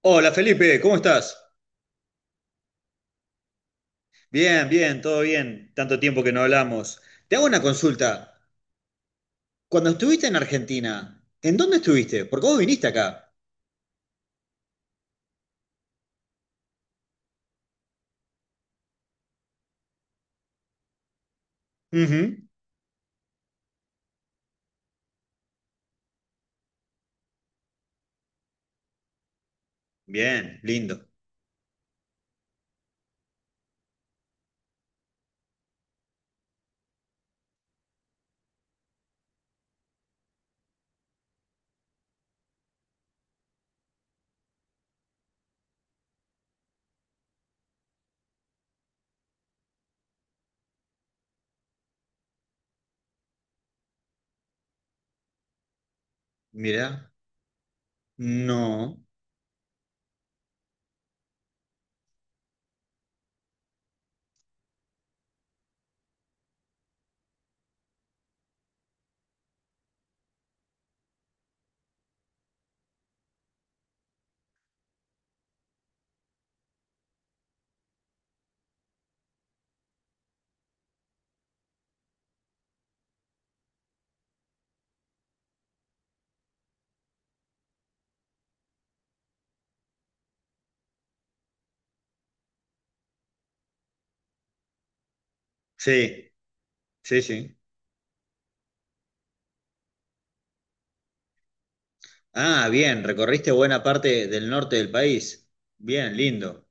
Hola Felipe, ¿cómo estás? Bien, bien, todo bien. Tanto tiempo que no hablamos. Te hago una consulta. Cuando estuviste en Argentina, ¿en dónde estuviste? Porque vos viniste acá. Ujú. Bien, lindo. Mirá. No. Sí, sí, sí. Ah, bien, recorriste buena parte del norte del país. Bien, lindo.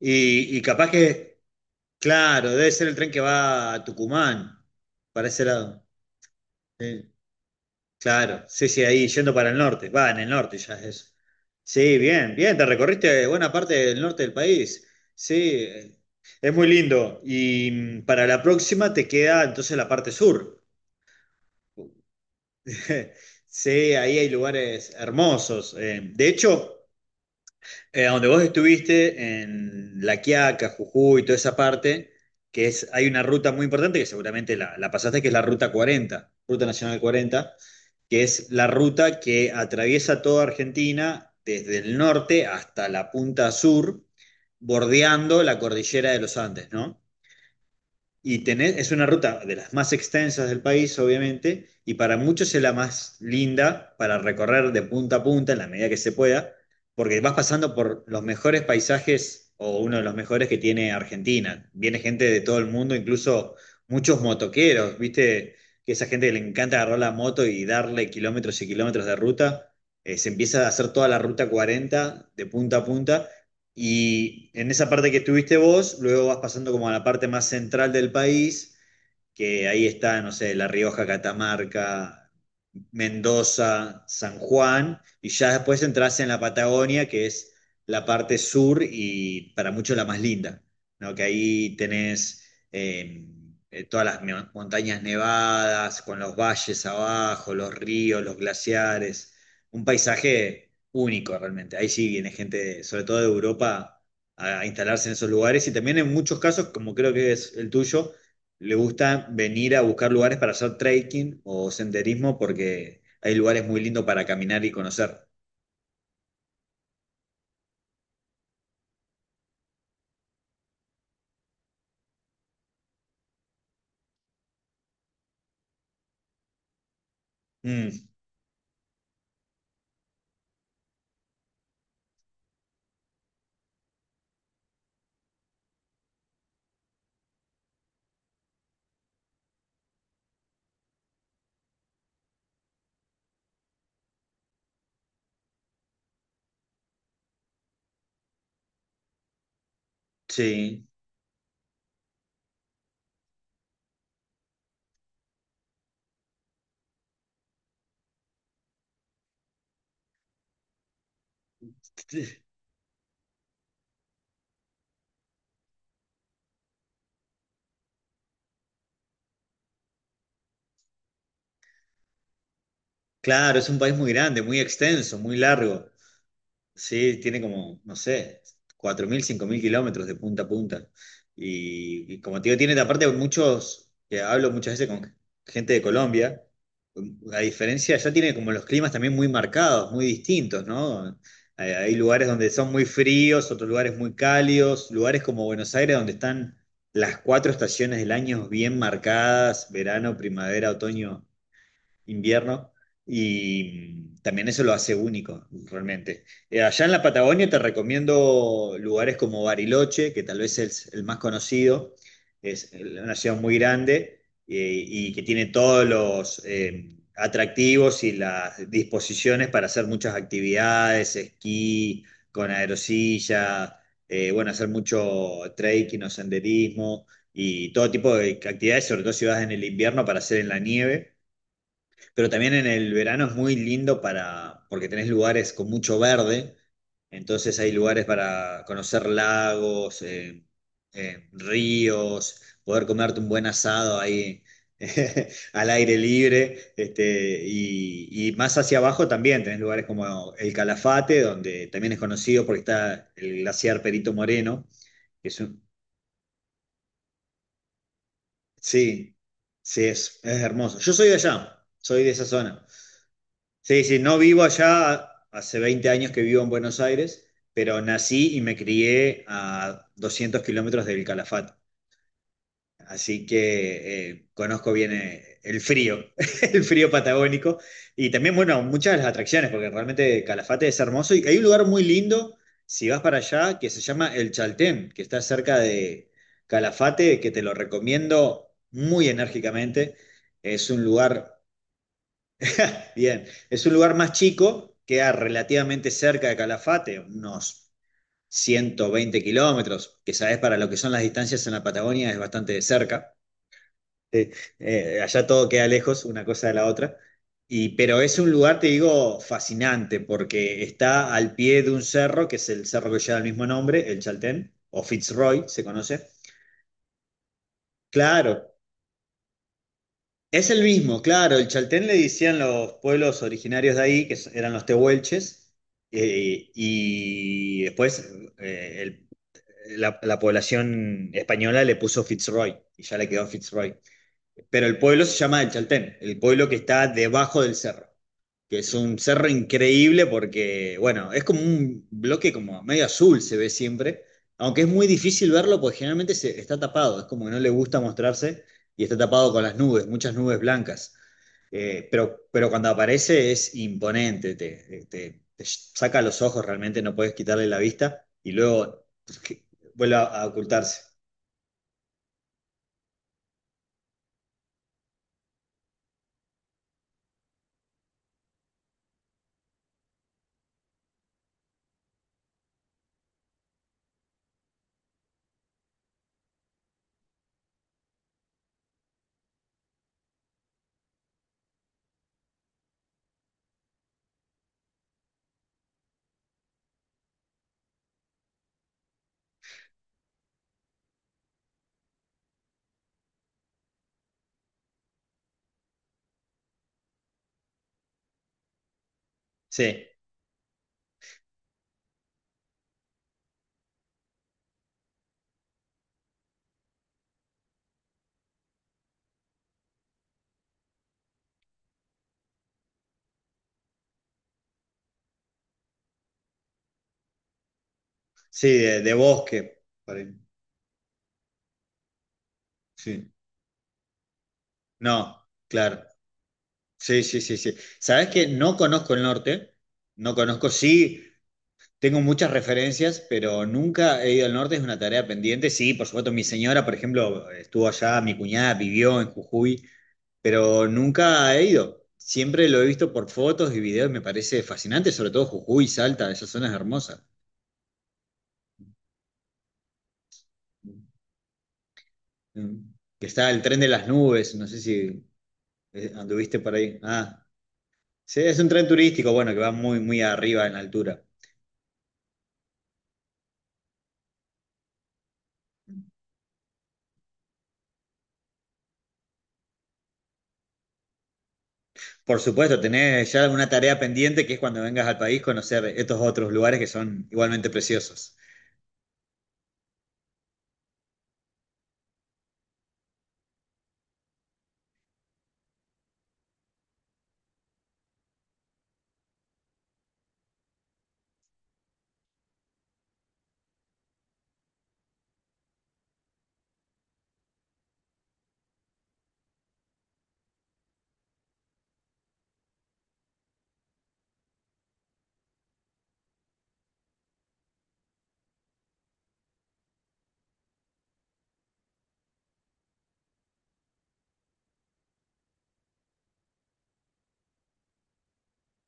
Y capaz que, claro, debe ser el tren que va a Tucumán, para ese lado. Sí. Claro, sí, sí, ahí yendo para el norte, va, en el norte ya es eso. Sí, bien, bien, te recorriste buena parte del norte del país. Sí, es muy lindo. Y para la próxima te queda entonces la parte sur. Sí, ahí hay lugares hermosos. De hecho, donde vos estuviste, en La Quiaca, Jujuy, toda esa parte, que es, hay una ruta muy importante que seguramente la pasaste, que es la Ruta 40, Ruta Nacional 40, que es la ruta que atraviesa toda Argentina desde el norte hasta la punta sur, bordeando la cordillera de los Andes, ¿no? Y tenés, es una ruta de las más extensas del país, obviamente, y para muchos es la más linda para recorrer de punta a punta en la medida que se pueda, porque vas pasando por los mejores paisajes o uno de los mejores que tiene Argentina. Viene gente de todo el mundo, incluso muchos motoqueros, ¿viste? Que esa gente que le encanta agarrar la moto y darle kilómetros y kilómetros de ruta. Se empieza a hacer toda la ruta 40 de punta a punta y en esa parte que estuviste vos, luego vas pasando como a la parte más central del país que ahí está, no sé, La Rioja, Catamarca, Mendoza, San Juan, y ya después entras en la Patagonia, que es la parte sur y para muchos la más linda, ¿no? Que ahí tenés eh, todas las montañas nevadas, con los valles abajo, los ríos, los glaciares, un paisaje único realmente. Ahí sí viene gente, sobre todo de Europa, a instalarse en esos lugares y también en muchos casos, como creo que es el tuyo, le gusta venir a buscar lugares para hacer trekking o senderismo porque hay lugares muy lindos para caminar y conocer. Mm, sí, claro, es un país muy grande, muy extenso, muy largo. Sí, tiene como, no sé, 4000, 5000 kilómetros de punta a punta. Y como te digo, tiene aparte muchos, que hablo muchas veces con gente de Colombia, la diferencia ya tiene como los climas también muy marcados, muy distintos, ¿no? Hay lugares donde son muy fríos, otros lugares muy cálidos, lugares como Buenos Aires donde están las cuatro estaciones del año bien marcadas, verano, primavera, otoño invierno, y también eso lo hace único, realmente. Allá en la Patagonia te recomiendo lugares como Bariloche, que tal vez es el más conocido, es una ciudad muy grande y que tiene todos los atractivos y las disposiciones para hacer muchas actividades, esquí, con aerosilla, bueno, hacer mucho trekking o senderismo y todo tipo de actividades, sobre todo si vas en el invierno para hacer en la nieve. Pero también en el verano es muy lindo para, porque tenés lugares con mucho verde, entonces hay lugares para conocer lagos, ríos, poder comerte un buen asado ahí al aire libre, este, y más hacia abajo también tenés lugares como el Calafate, donde también es conocido porque está el glaciar Perito Moreno, que es un, sí, sí, es hermoso. Yo soy de allá, soy de esa zona. Sí, sí, no vivo allá, hace 20 años que vivo en Buenos Aires, pero nací y me crié a 200 kilómetros del Calafate. Así que conozco bien el frío, el frío patagónico. Y también, bueno, muchas de las atracciones, porque realmente Calafate es hermoso. Y hay un lugar muy lindo, si vas para allá, que se llama El Chaltén, que está cerca de Calafate, que te lo recomiendo muy enérgicamente. Es un lugar. Bien, es un lugar más chico, queda relativamente cerca de Calafate, unos 120 kilómetros, que sabes para lo que son las distancias en la Patagonia es bastante de cerca. Eh, allá todo queda lejos, una cosa de la otra. Y, pero es un lugar, te digo, fascinante, porque está al pie de un cerro, que es el cerro que lleva el mismo nombre, el Chaltén, o Fitzroy, se conoce. Claro, es el mismo, claro, el chaltén le decían los pueblos originarios de ahí, que eran los tehuelches, y después eh, el- la población española le puso Fitzroy, y ya le quedó Fitzroy pero el pueblo se llama El Chaltén, el pueblo que está debajo del cerro, que es un cerro increíble porque, bueno, es como un bloque como medio azul se ve siempre, aunque es muy difícil verlo porque generalmente se, está tapado, es como que no le gusta mostrarse y está tapado con las nubes, muchas nubes blancas. Pero cuando aparece es imponente, te, te saca los ojos realmente, no puedes quitarle la vista y luego vuelve a ocultarse. Sí, sí, de bosque. Por ahí, sí. No, claro. Sí, sí, sí, sí. Sabes que no conozco el norte, no conozco, sí, tengo muchas referencias, pero nunca he ido al norte, es una tarea pendiente. Sí, por supuesto, mi señora, por ejemplo, estuvo allá, mi cuñada vivió en Jujuy, pero nunca he ido. Siempre lo he visto por fotos y videos, me parece fascinante, sobre todo Jujuy, Salta, esas zonas hermosas. Mm. Que está el tren de las nubes, no sé si anduviste por ahí. Ah, sí, es un tren turístico, bueno, que va muy, muy arriba en altura. Por supuesto, tener ya una tarea pendiente que es cuando vengas al país conocer estos otros lugares que son igualmente preciosos.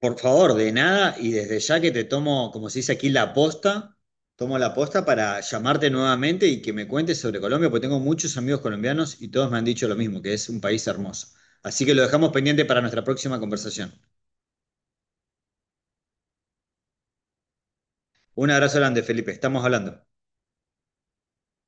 Por favor, de nada y desde ya que te tomo, como se dice aquí, la posta, tomo la posta para llamarte nuevamente y que me cuentes sobre Colombia, porque tengo muchos amigos colombianos y todos me han dicho lo mismo, que es un país hermoso. Así que lo dejamos pendiente para nuestra próxima conversación. Un abrazo grande, Felipe, estamos hablando.